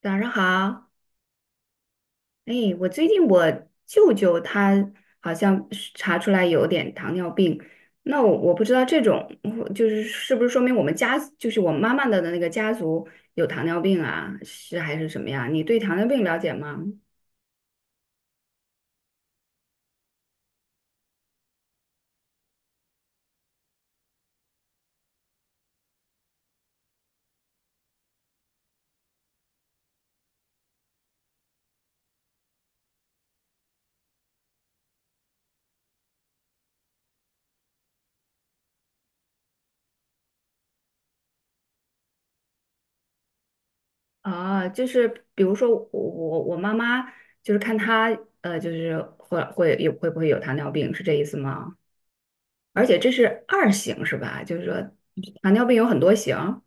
早上好。哎，我最近我舅舅他好像是查出来有点糖尿病。那我不知道这种，我就是是不是说明我们家就是我妈妈的那个家族有糖尿病啊，是还是什么呀？你对糖尿病了解吗？啊，就是比如说我妈妈就是看她，就是会不会有糖尿病，是这意思吗？而且这是二型是吧？就是说糖尿病有很多型。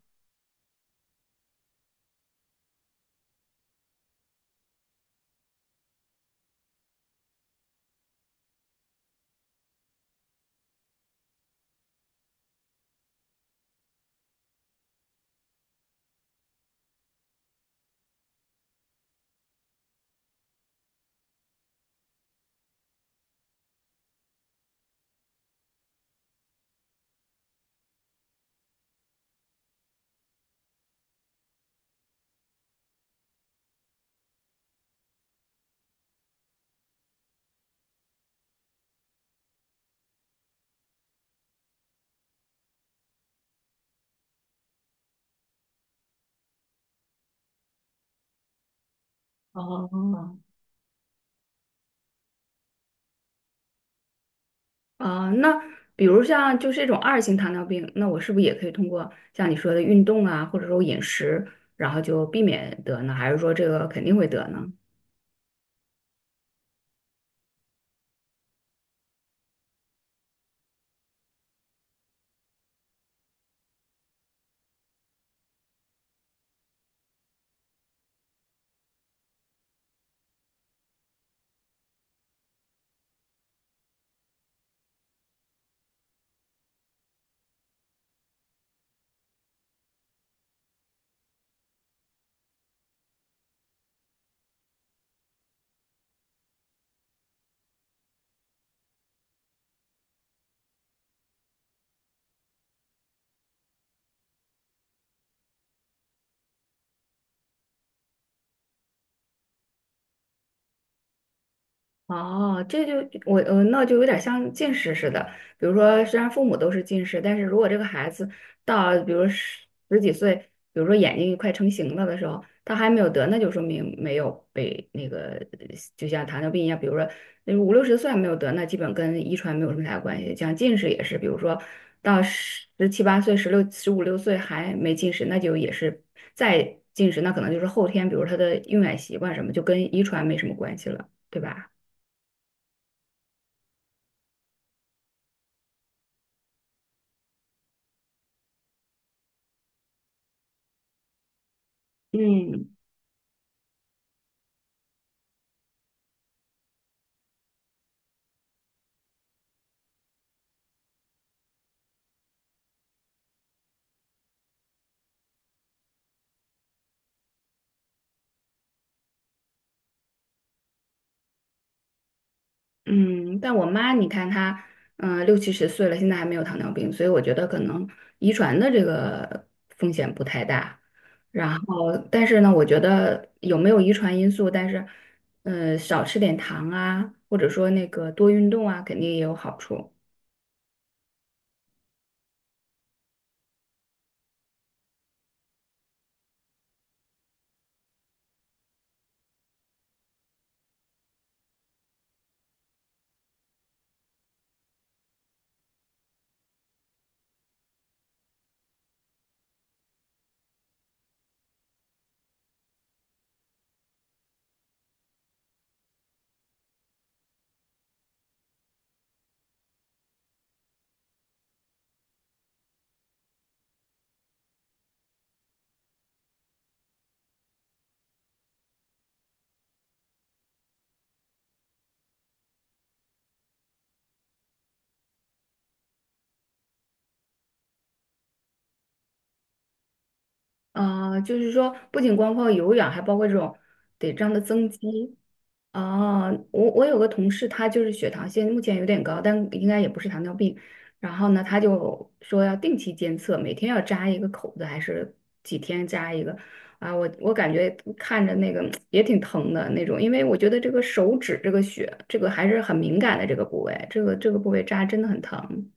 哦。啊，那比如像就是这种二型糖尿病，那我是不是也可以通过像你说的运动啊，或者说饮食，然后就避免得呢？还是说这个肯定会得呢？哦，这就我呃，那就有点像近视似的。比如说，虽然父母都是近视，但是如果这个孩子到比如十几岁，比如说眼睛快成型了的时候，他还没有得，那就说明没有被那个，就像糖尿病一样，比如说那五六十岁还没有得，那基本跟遗传没有什么太大关系。像近视也是，比如说到十七八岁、十六十五六岁还没近视，那就也是再近视，那可能就是后天，比如他的用眼习惯什么，就跟遗传没什么关系了，对吧？嗯嗯，但我妈，你看她，六七十岁了，现在还没有糖尿病，所以我觉得可能遗传的这个风险不太大。然后，但是呢，我觉得有没有遗传因素，但是，少吃点糖啊，或者说那个多运动啊，肯定也有好处。啊，就是说不仅光靠有氧，还包括这种得这样的增肌。啊，我有个同事，他就是血糖现在目前有点高，但应该也不是糖尿病。然后呢，他就说要定期监测，每天要扎一个口子，还是几天扎一个。啊，我感觉看着那个也挺疼的那种，因为我觉得这个手指这个血，这个还是很敏感的这个部位，这个部位扎真的很疼。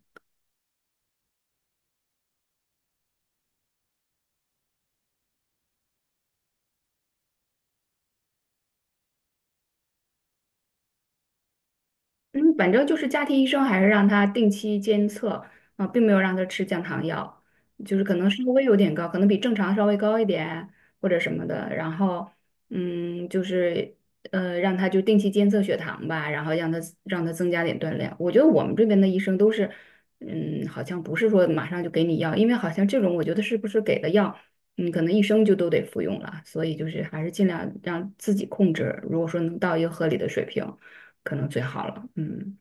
嗯，反正就是家庭医生还是让他定期监测啊，并没有让他吃降糖药，就是可能稍微有点高，可能比正常稍微高一点或者什么的。然后，就是让他就定期监测血糖吧，然后让他增加点锻炼。我觉得我们这边的医生都是，好像不是说马上就给你药，因为好像这种我觉得是不是给的药，可能一生就都得服用了，所以就是还是尽量让自己控制，如果说能到一个合理的水平，可能最好了。嗯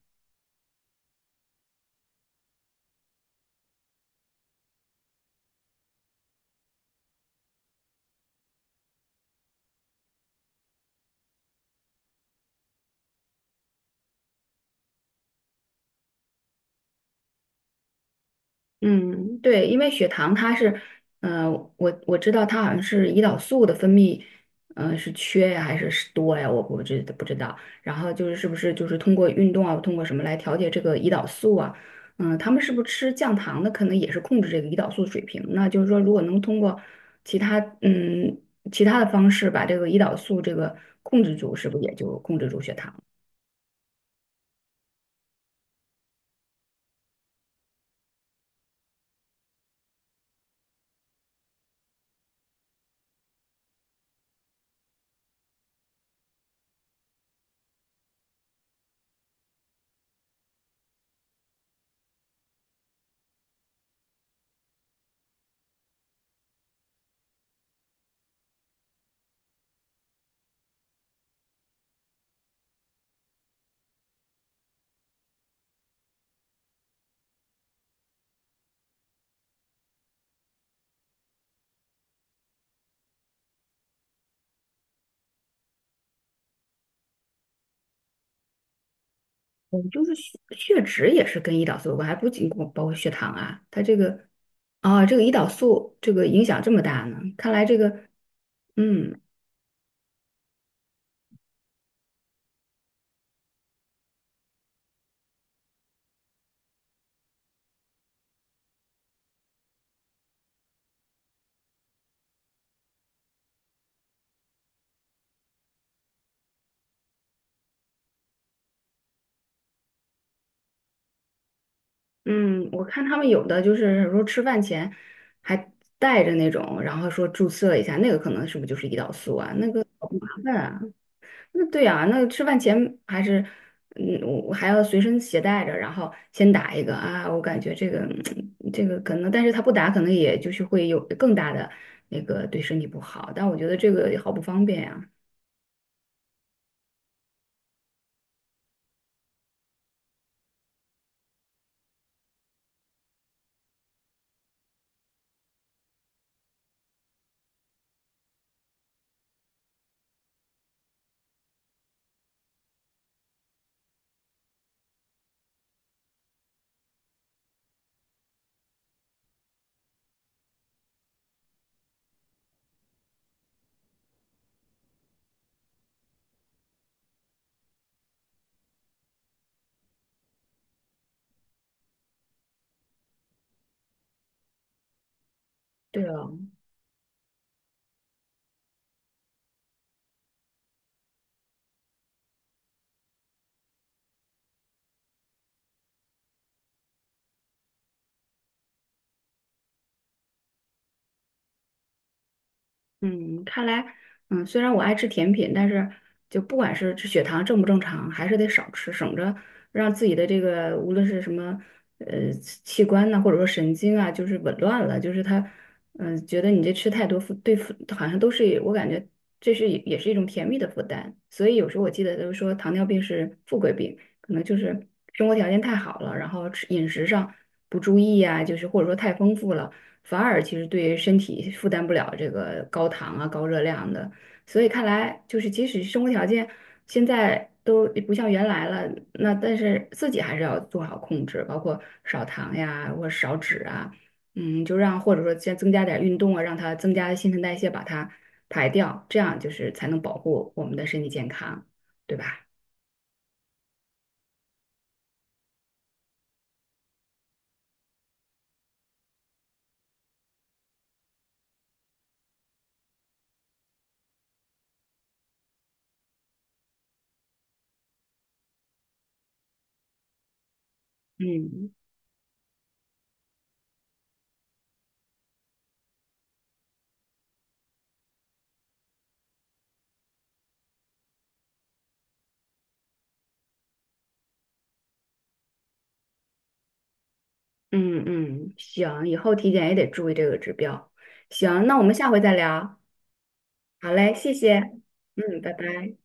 嗯，对，因为血糖它是，呃，我知道它好像是胰岛素的分泌，是缺呀还是是多呀？我知不知道。然后就是是不是就是通过运动啊，通过什么来调节这个胰岛素啊？他们是不是吃降糖的，可能也是控制这个胰岛素水平？那就是说，如果能通过其他嗯其他的方式把这个胰岛素这个控制住，是不是也就控制住血糖了？嗯，就是血脂也是跟胰岛素有关，还不仅光包括血糖啊，它这个。啊，这个胰岛素这个影响这么大呢？看来这个，嗯嗯，我看他们有的就是说吃饭前还带着那种，然后说注射一下，那个可能是不是就是胰岛素啊？那个好麻烦啊。那对呀、那吃饭前还是，我还要随身携带着，然后先打一个啊，我感觉这个可能，但是他不打，可能也就是会有更大的那个对身体不好，但我觉得这个也好不方便呀、对啊，嗯，看来，虽然我爱吃甜品，但是就不管是这血糖正不正常，还是得少吃，省着让自己的这个无论是什么器官呐、或者说神经啊，就是紊乱了，就是它，觉得你这吃太多负对负，好像都是。我感觉这是也是一种甜蜜的负担，所以有时候我记得都说糖尿病是富贵病，可能就是生活条件太好了，然后吃饮食上不注意呀、就是或者说太丰富了。反而其实对于身体负担不了这个高糖啊、高热量的。所以看来，就是即使生活条件现在都不像原来了，那但是自己还是要做好控制，包括少糖呀，或者少脂啊，就让或者说再增加点运动啊，让它增加新陈代谢，把它排掉，这样就是才能保护我们的身体健康，对吧？嗯嗯嗯，行，以后体检也得注意这个指标。行，那我们下回再聊。好嘞，谢谢，嗯，拜拜。